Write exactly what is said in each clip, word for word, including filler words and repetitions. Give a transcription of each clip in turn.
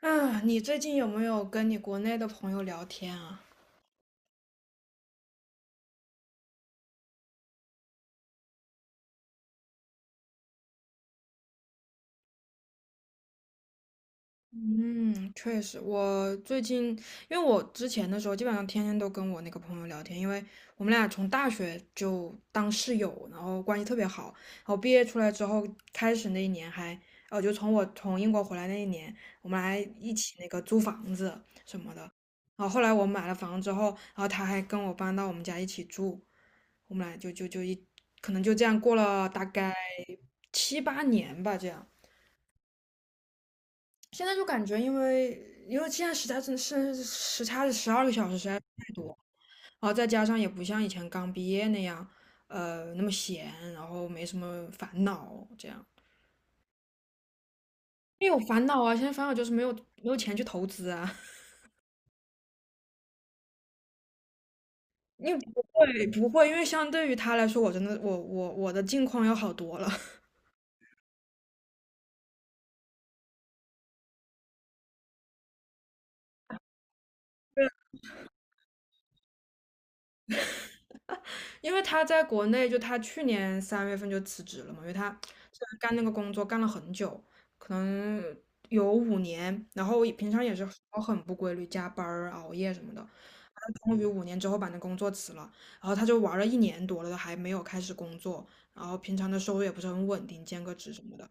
啊，你最近有没有跟你国内的朋友聊天啊？嗯，确实，我最近因为我之前的时候，基本上天天都跟我那个朋友聊天，因为我们俩从大学就当室友，然后关系特别好。然后毕业出来之后，开始那一年还，哦，就从我从英国回来那一年，我们还一起那个租房子什么的。然后后来我买了房之后，然后他还跟我搬到我们家一起住，我们俩就就就一可能就这样过了大概七八年吧，这样。现在就感觉，因为因为现在时差真的是时差是十二个小时实在是太多，然后再加上也不像以前刚毕业那样，呃，那么闲，然后没什么烦恼这样。因为有烦恼啊，现在烦恼就是没有没有钱去投资啊。因为不会不会，因为相对于他来说，我真的我我我的境况要好多了。因为他在国内，就他去年三月份就辞职了嘛，因为他他干那个工作干了很久，可能有五年，然后平常也是很不规律，加班儿、熬夜什么的。他终于五年之后把那工作辞了，然后他就玩了一年多了，都还没有开始工作，然后平常的收入也不是很稳定，兼个职什么的，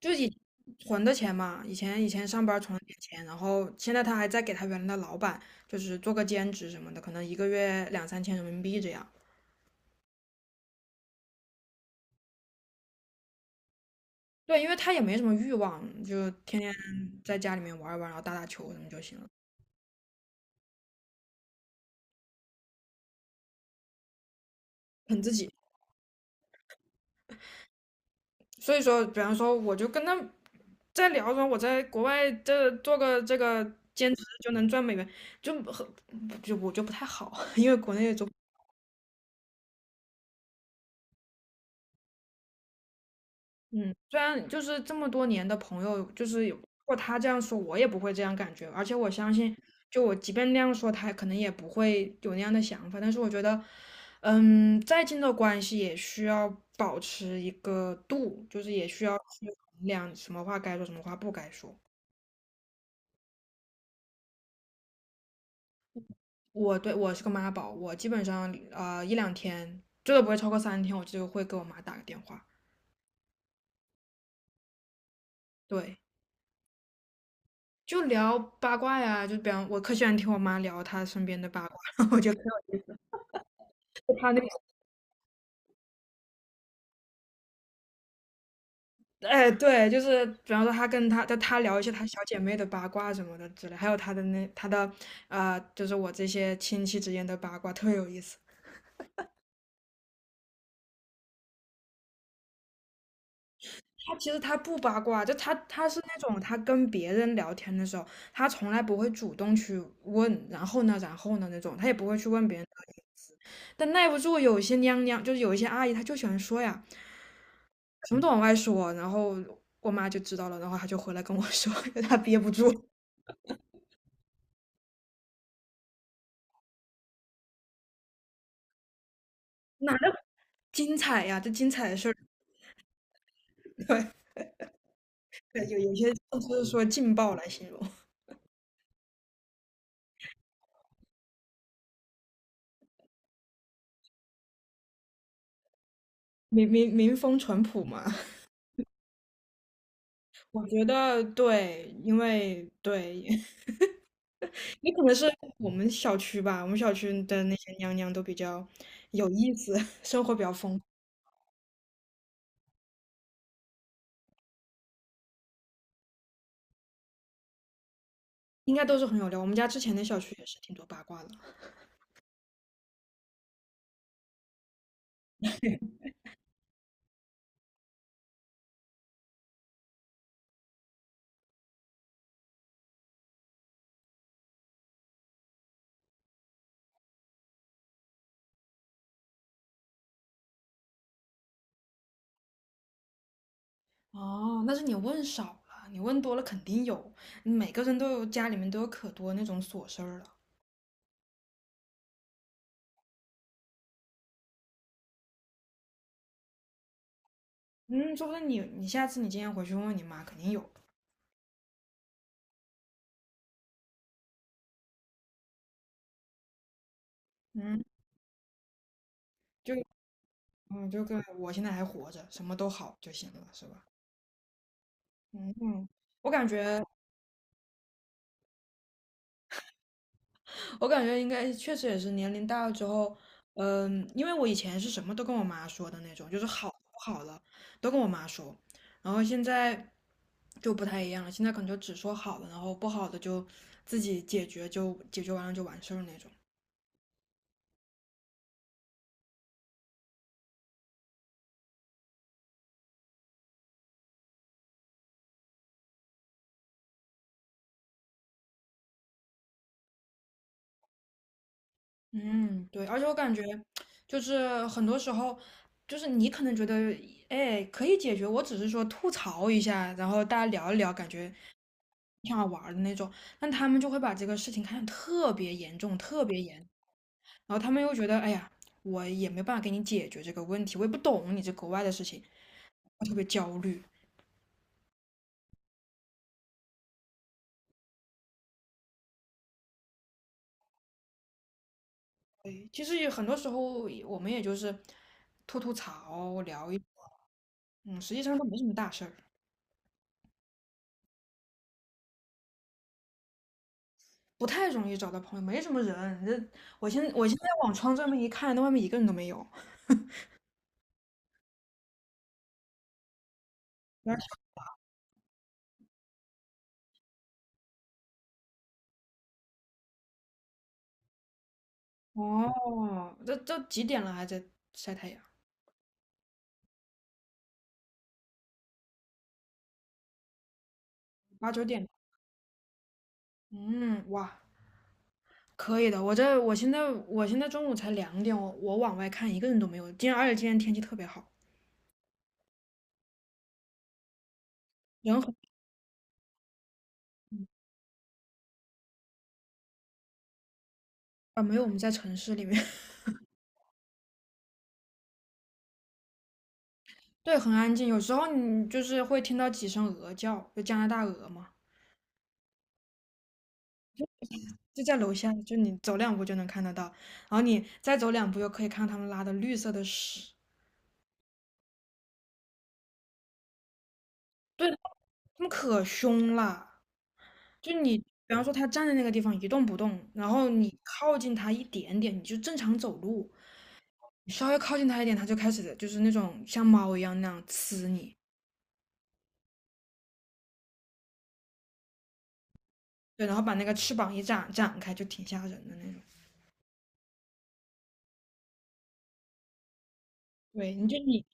就是以存的钱嘛，以前以前上班存了点钱，然后现在他还在给他原来的老板，就是做个兼职什么的，可能一个月两三千人民币这样。对，因为他也没什么欲望，就天天在家里面玩一玩，然后打打球什么就行了，很自己。所以说，比方说，我就跟他在聊说，我在国外这做个这个兼职就能赚美元，就很就我就不太好，因为国内做嗯，虽然就是这么多年的朋友，就是有如果他这样说，我也不会这样感觉。而且我相信，就我即便那样说，他可能也不会有那样的想法。但是我觉得，嗯，再近的关系也需要保持一个度，就是也需要去衡量什么话该说，什么话不该说。我对我是个妈宝，我基本上呃一两天，最多不会超过三天，我就会给我妈打个电话。对，就聊八卦呀，就比方我可喜欢听我妈聊她身边的八卦，就她那哎，对，就是比方说他跟他就他聊一些他小姐妹的八卦什么的之类，还有他的那他的啊、呃就是我这些亲戚之间的八卦，特有意思。他其实他不八卦，就他他是那种他跟别人聊天的时候，他从来不会主动去问，然后呢，然后呢那种，他也不会去问别人。但耐不住有些娘娘，就是有一些阿姨，她就喜欢说呀，什么都往外说，然后我妈就知道了，然后她就回来跟我说，她憋不住。哪个精彩呀？这精彩的事儿。对，有有些就是说劲爆来形容，民民民风淳朴嘛，我觉得对，因为对，也可能是我们小区吧，我们小区的那些娘娘都比较有意思，生活比较丰富应该都是很有料。我们家之前的小区也是挺多八卦的。哦，那是你问少了，你问多了肯定有，每个人都有家里面都有可多那种琐事儿了。嗯，说不定你你下次你今天回去问问你妈，肯定有。嗯，就嗯，就跟我现在还活着，什么都好就行了，是吧？嗯嗯，我感觉，我感觉应该确实也是年龄大了之后，嗯，因为我以前是什么都跟我妈说的那种，就是好不好了都跟我妈说，然后现在就不太一样了，现在可能就只说好了，然后不好的就自己解决，就解决完了就完事儿那种。嗯，对，而且我感觉就是很多时候，就是你可能觉得，哎，可以解决，我只是说吐槽一下，然后大家聊一聊，感觉挺好玩儿的那种，但他们就会把这个事情看得特别严重，特别严，然后他们又觉得，哎呀，我也没办法给你解决这个问题，我也不懂你这国外的事情，我特别焦虑。对，其实也很多时候我们也就是吐吐槽，聊一，嗯，实际上都没什么大事儿。不太容易找到朋友，没什么人。这我现我现在往窗这面一看，那外面一个人都没有。然后哦，这都几点了还在晒太阳？八九点。嗯，哇，可以的。我这我现在我现在中午才两点，我我往外看一个人都没有。今天而且今天天气特别好，人很啊没有我们在城市里面，对，很安静。有时候你就是会听到几声鹅叫，就加拿大鹅嘛，就在楼下，就你走两步就能看得到，然后你再走两步又可以看到他们拉的绿色的屎。对他们可凶了，就你，比方说他站在那个地方一动不动，然后你靠近他一点点，你就正常走路，你稍微靠近他一点，他就开始就是那种像猫一样那样呲你，对，然后把那个翅膀一展展开，就挺吓人的那种。对，你就你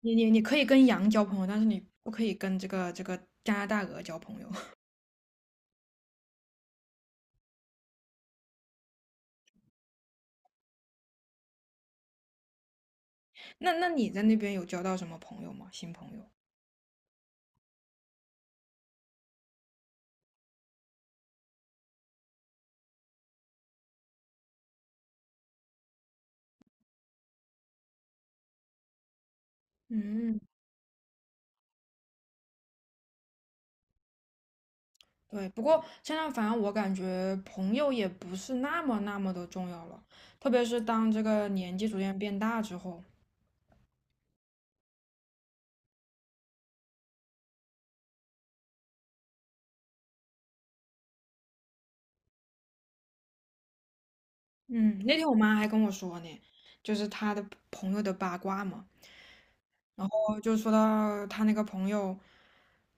你你你可以跟羊交朋友，但是你不可以跟这个这个加拿大鹅交朋友。那那你在那边有交到什么朋友吗？新朋友？嗯。对，不过现在反正我感觉朋友也不是那么那么的重要了，特别是当这个年纪逐渐变大之后。嗯，那天我妈还跟我说呢，就是她的朋友的八卦嘛，哦，就说到她那个朋友，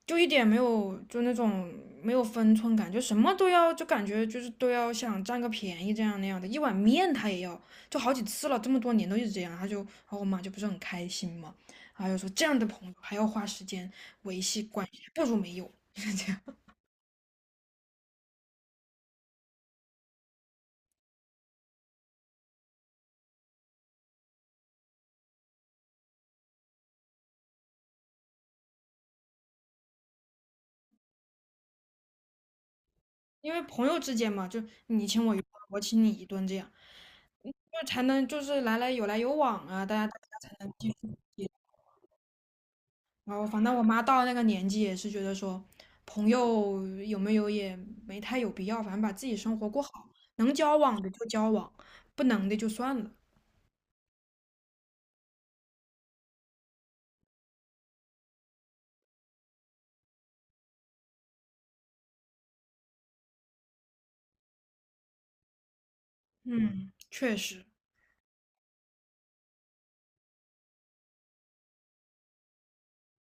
就一点没有就那种没有分寸感，就什么都要，就感觉就是都要想占个便宜这样那样的。一碗面他也要，就好几次了，这么多年都一直这样。他就，然后我妈就不是很开心嘛，然后就说这样的朋友还要花时间维系关系，不如没有，就是这样。因为朋友之间嘛，就你请我一顿，我请你一顿这样，就才能就是来来有来有往啊，大家大家才能继续。然后反正我妈到了那个年纪也是觉得说，朋友有没有也没太有必要，反正把自己生活过好，能交往的就交往，不能的就算了。嗯，确实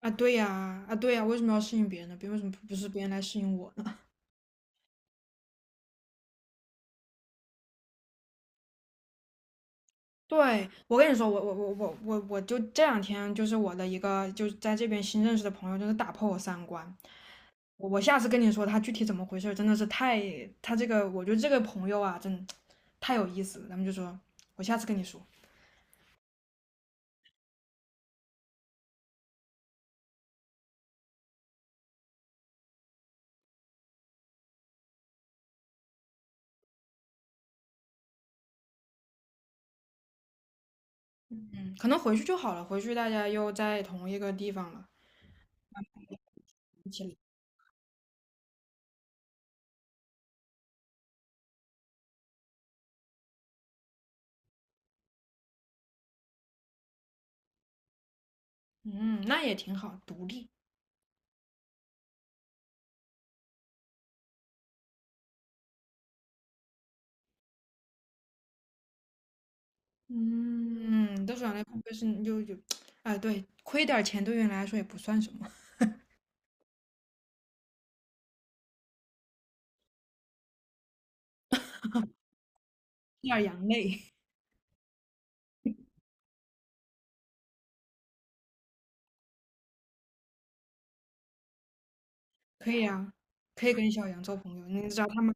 啊，对呀，啊对呀，为什么要适应别人呢？别为什么不是别人来适应我呢？对，我跟你说，我我我我我我就这两天就是我的一个就是在这边新认识的朋友，就是打破我三观。我我下次跟你说他具体怎么回事真的是太他这个，我觉得这个朋友啊，真太有意思了。咱们就说，我下次跟你说，嗯，可能回去就好了，回去大家又在同一个地方了，一起了，嗯，那也挺好，独立，嗯，都说养类会不会是就就，哎，对，亏点钱对于你来说也不算什么，吃点羊泪 可以啊，可以跟小杨做朋友，你知道他妈，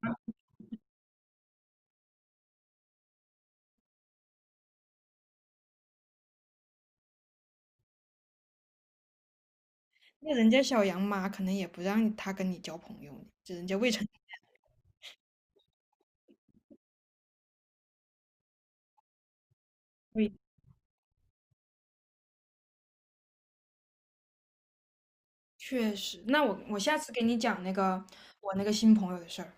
那人家小杨妈可能也不让他跟你交朋友呢，这人家未成年未确实，那我我下次给你讲那个我那个新朋友的事儿。